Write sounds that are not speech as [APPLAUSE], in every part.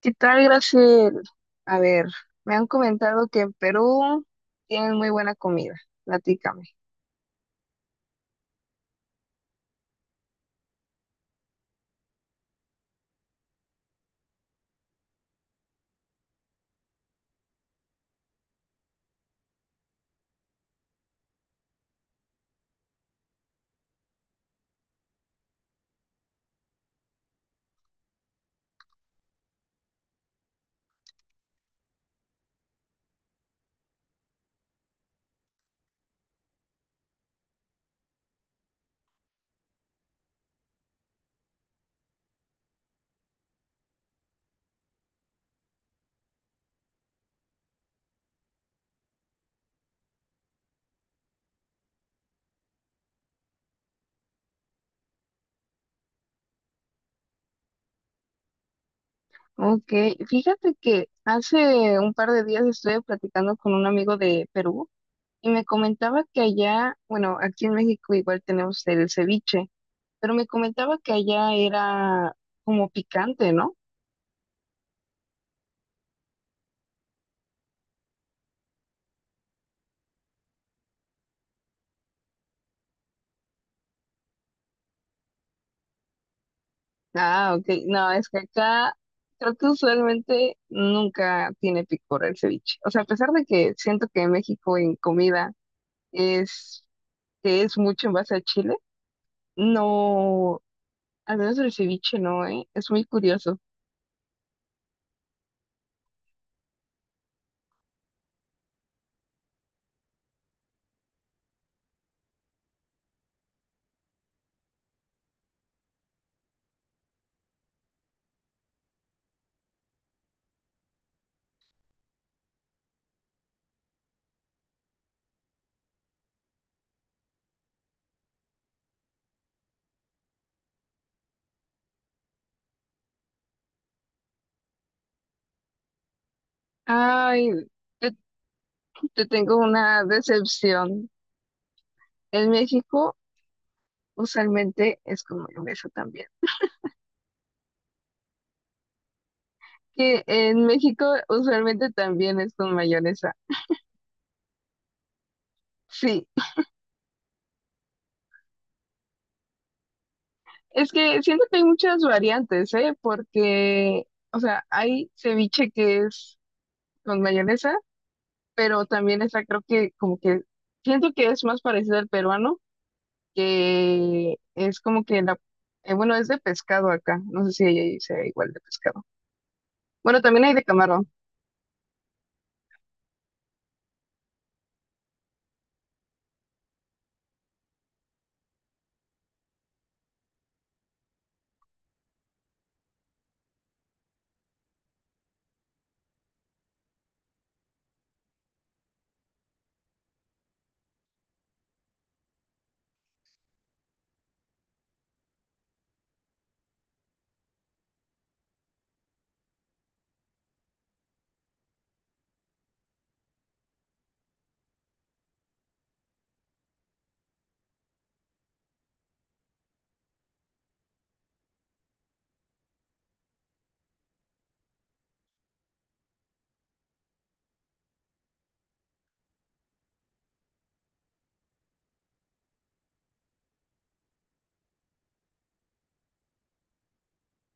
¿Qué tal, Graciel? A ver, me han comentado que en Perú tienen muy buena comida. Platícame. Ok, fíjate que hace un par de días estuve platicando con un amigo de Perú y me comentaba que allá, bueno, aquí en México igual tenemos el ceviche, pero me comentaba que allá era como picante, ¿no? Ah, ok, no, es que acá creo que usualmente nunca tiene picor el ceviche. O sea, a pesar de que siento que en México en comida es que es mucho en base a Chile. No, al menos el ceviche no, ¿eh? Es muy curioso. Ay, te, te tengo una decepción. En México usualmente es con mayonesa también. Que en México usualmente también es con mayonesa. Sí, es que siento que hay muchas variantes, ¿eh? Porque, o sea, hay ceviche que es con mayonesa, pero también está, creo que como que siento que es más parecido al peruano que es como que la, bueno, es de pescado acá, no sé si ahí sea igual de pescado. Bueno, también hay de camarón.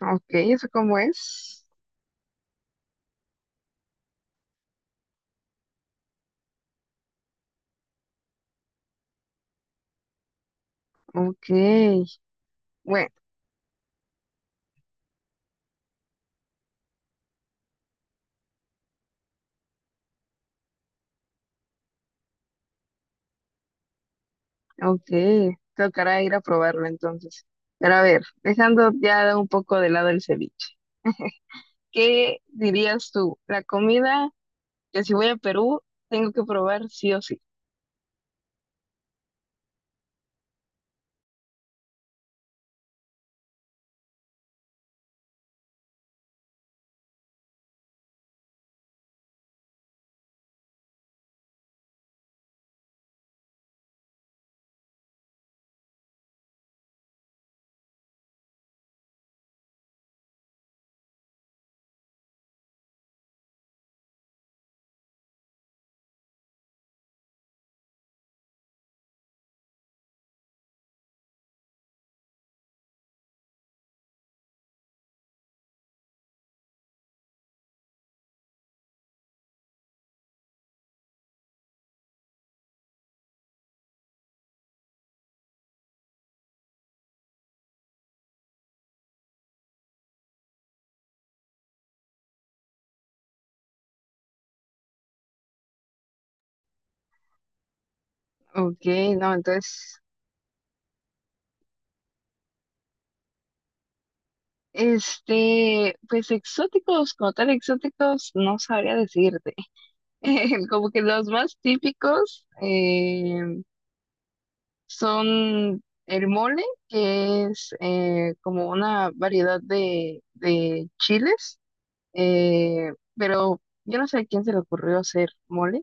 Ok, ¿eso cómo es? Ok, bueno, ok, tocará ir a probarlo entonces. Pero a ver, dejando ya un poco de lado el ceviche, ¿qué dirías tú? La comida que si voy a Perú tengo que probar sí o sí. Ok, no, entonces, pues exóticos, como tal exóticos, no sabría decirte. [LAUGHS] Como que los más típicos son el mole, que es como una variedad de chiles, eh, pero yo no sé a quién se le ocurrió hacer mole,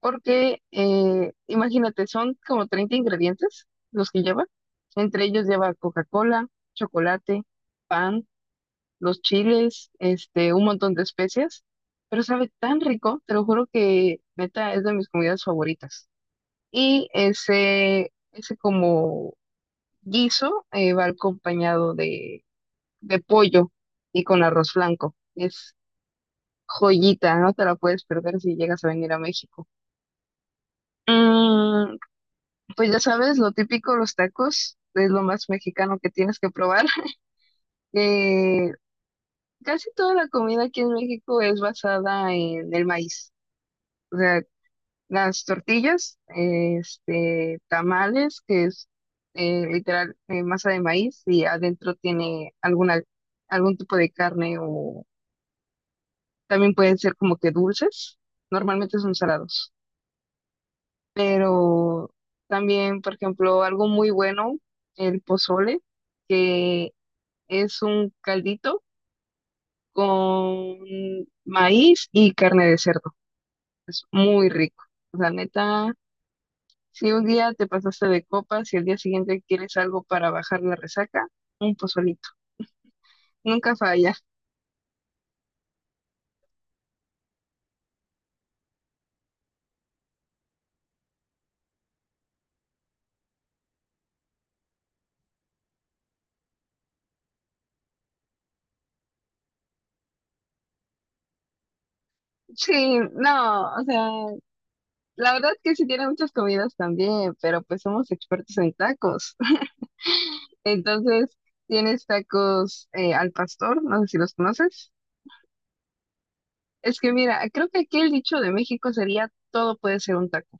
porque imagínate, son como 30 ingredientes los que lleva. Entre ellos lleva Coca-Cola, chocolate, pan, los chiles, un montón de especias, pero sabe tan rico, te lo juro que neta es de mis comidas favoritas. Y ese como guiso va acompañado de pollo y con arroz blanco. Es joyita, no te la puedes perder si llegas a venir a México. Mm, pues ya sabes, lo típico, los tacos, es lo más mexicano que tienes que probar. [LAUGHS] Eh, Casi toda la comida aquí en México es basada en el maíz. O sea, las tortillas, tamales, que es literal masa de maíz y adentro tiene algún tipo de carne o también pueden ser como que dulces, normalmente son salados, pero también, por ejemplo, algo muy bueno, el pozole, que es un caldito con maíz y carne de cerdo, es muy rico, la neta. Si un día te pasaste de copas y al día siguiente quieres algo para bajar la resaca, un pozolito. Nunca falla. Sí, no, o sea, la verdad que sí tiene muchas comidas también, pero pues somos expertos en tacos. [LAUGHS] Entonces, tienes tacos al pastor, no sé si los conoces. Es que mira, creo que aquí el dicho de México sería todo puede ser un taco,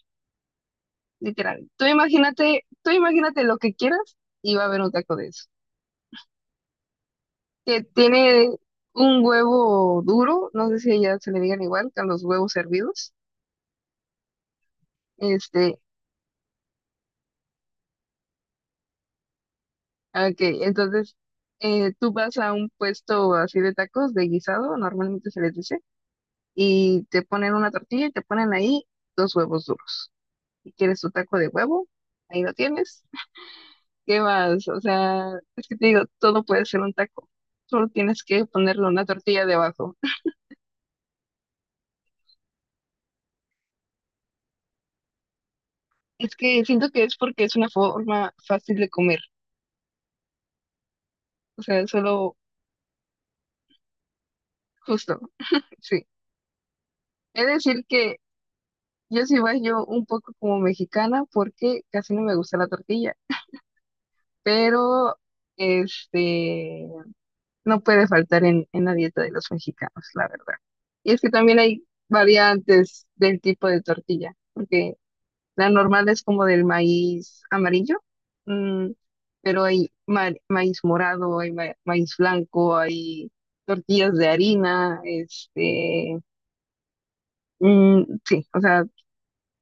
literal. Tú imagínate lo que quieras y va a haber un taco de eso. Que tiene un huevo duro, no sé si ya se le digan igual que a los huevos hervidos. Este, ok, entonces tú vas a un puesto así de tacos de guisado, normalmente se les dice, y te ponen una tortilla y te ponen ahí dos huevos duros. Si quieres tu taco de huevo, ahí lo tienes. ¿Qué más? O sea, es que te digo, todo puede ser un taco. Solo tienes que ponerle una tortilla debajo. Es que siento que es porque es una forma fácil de comer. O sea, solo Justo, sí. Es decir que yo sí yo un poco como mexicana porque casi no me gusta la tortilla, pero este no puede faltar en la dieta de los mexicanos, la verdad. Y es que también hay variantes del tipo de tortilla, porque la normal es como del maíz amarillo, mm, pero hay maíz morado, hay maíz blanco, hay tortillas de harina, este, mm, sí, o sea,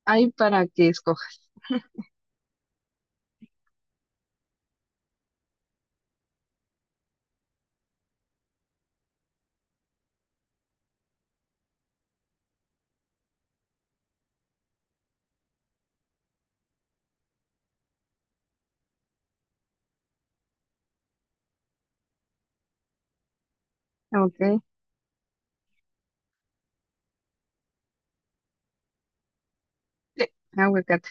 hay para que escojas. Ok. Sí, aguacate.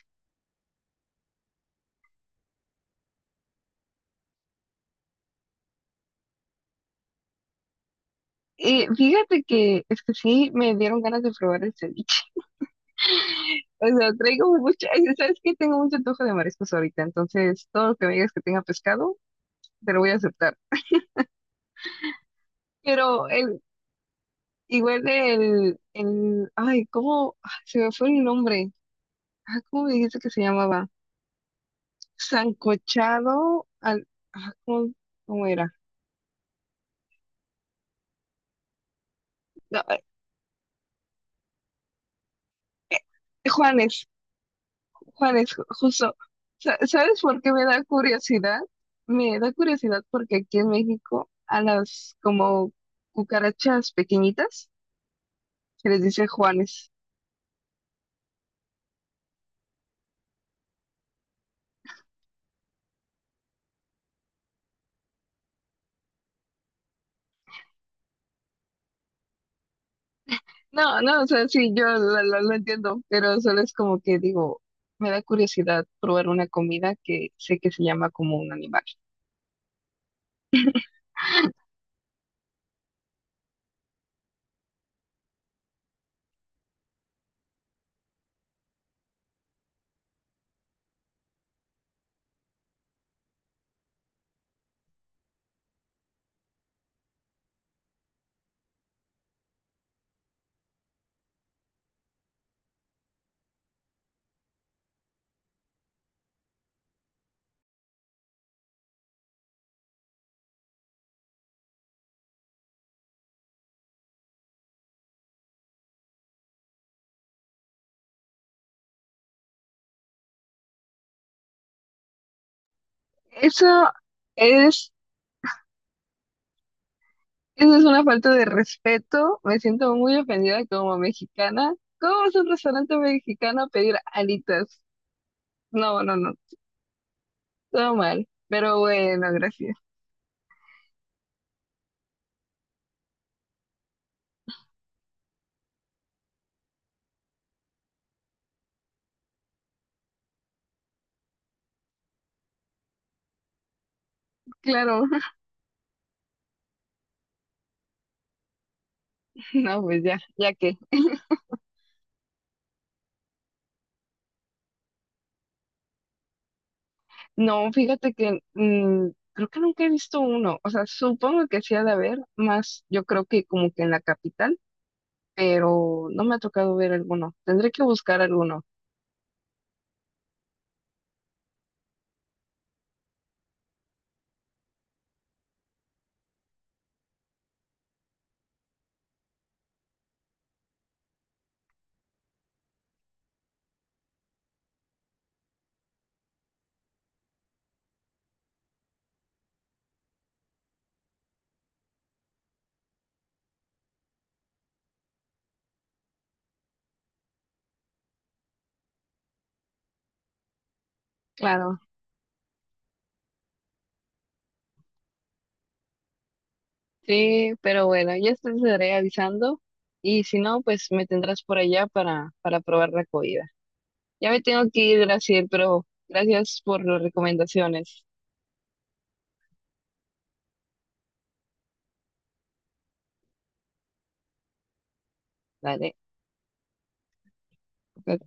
Fíjate que es que sí me dieron ganas de probar el ceviche. [LAUGHS] O sea, traigo mucha, ay, sabes que tengo mucho antojo de mariscos ahorita, entonces todo lo que me digas que tenga pescado, te lo voy a aceptar. Pero igual el, ay, ¿cómo? Ah, se me fue el nombre. Ah, ¿cómo me dijiste que se llamaba? Sancochado al, ah, ¿cómo, cómo era? No, Juanes, justo, ¿sabes por qué me da curiosidad? Me da curiosidad porque aquí en México a las como cucarachas pequeñitas se les dice Juanes. No, no, o sea, sí, yo lo entiendo, pero solo es como que digo, me da curiosidad probar una comida que sé que se llama como un animal. Eso es, eso es una falta de respeto, me siento muy ofendida como mexicana. ¿Cómo vas a un restaurante mexicano a pedir alitas? No, no, no. Todo mal, pero bueno, gracias. Claro, [LAUGHS] no, pues ya, ya que. No, fíjate que mm, creo que nunca he visto uno. O sea, supongo que sí ha de haber, más yo creo que como que en la capital, pero no me ha tocado ver alguno. Tendré que buscar alguno, claro. Sí, pero bueno, ya te estaré avisando y si no, pues me tendrás por allá para probar la comida. Ya me tengo que ir, Graciel, pero gracias por las recomendaciones. Dale, ok.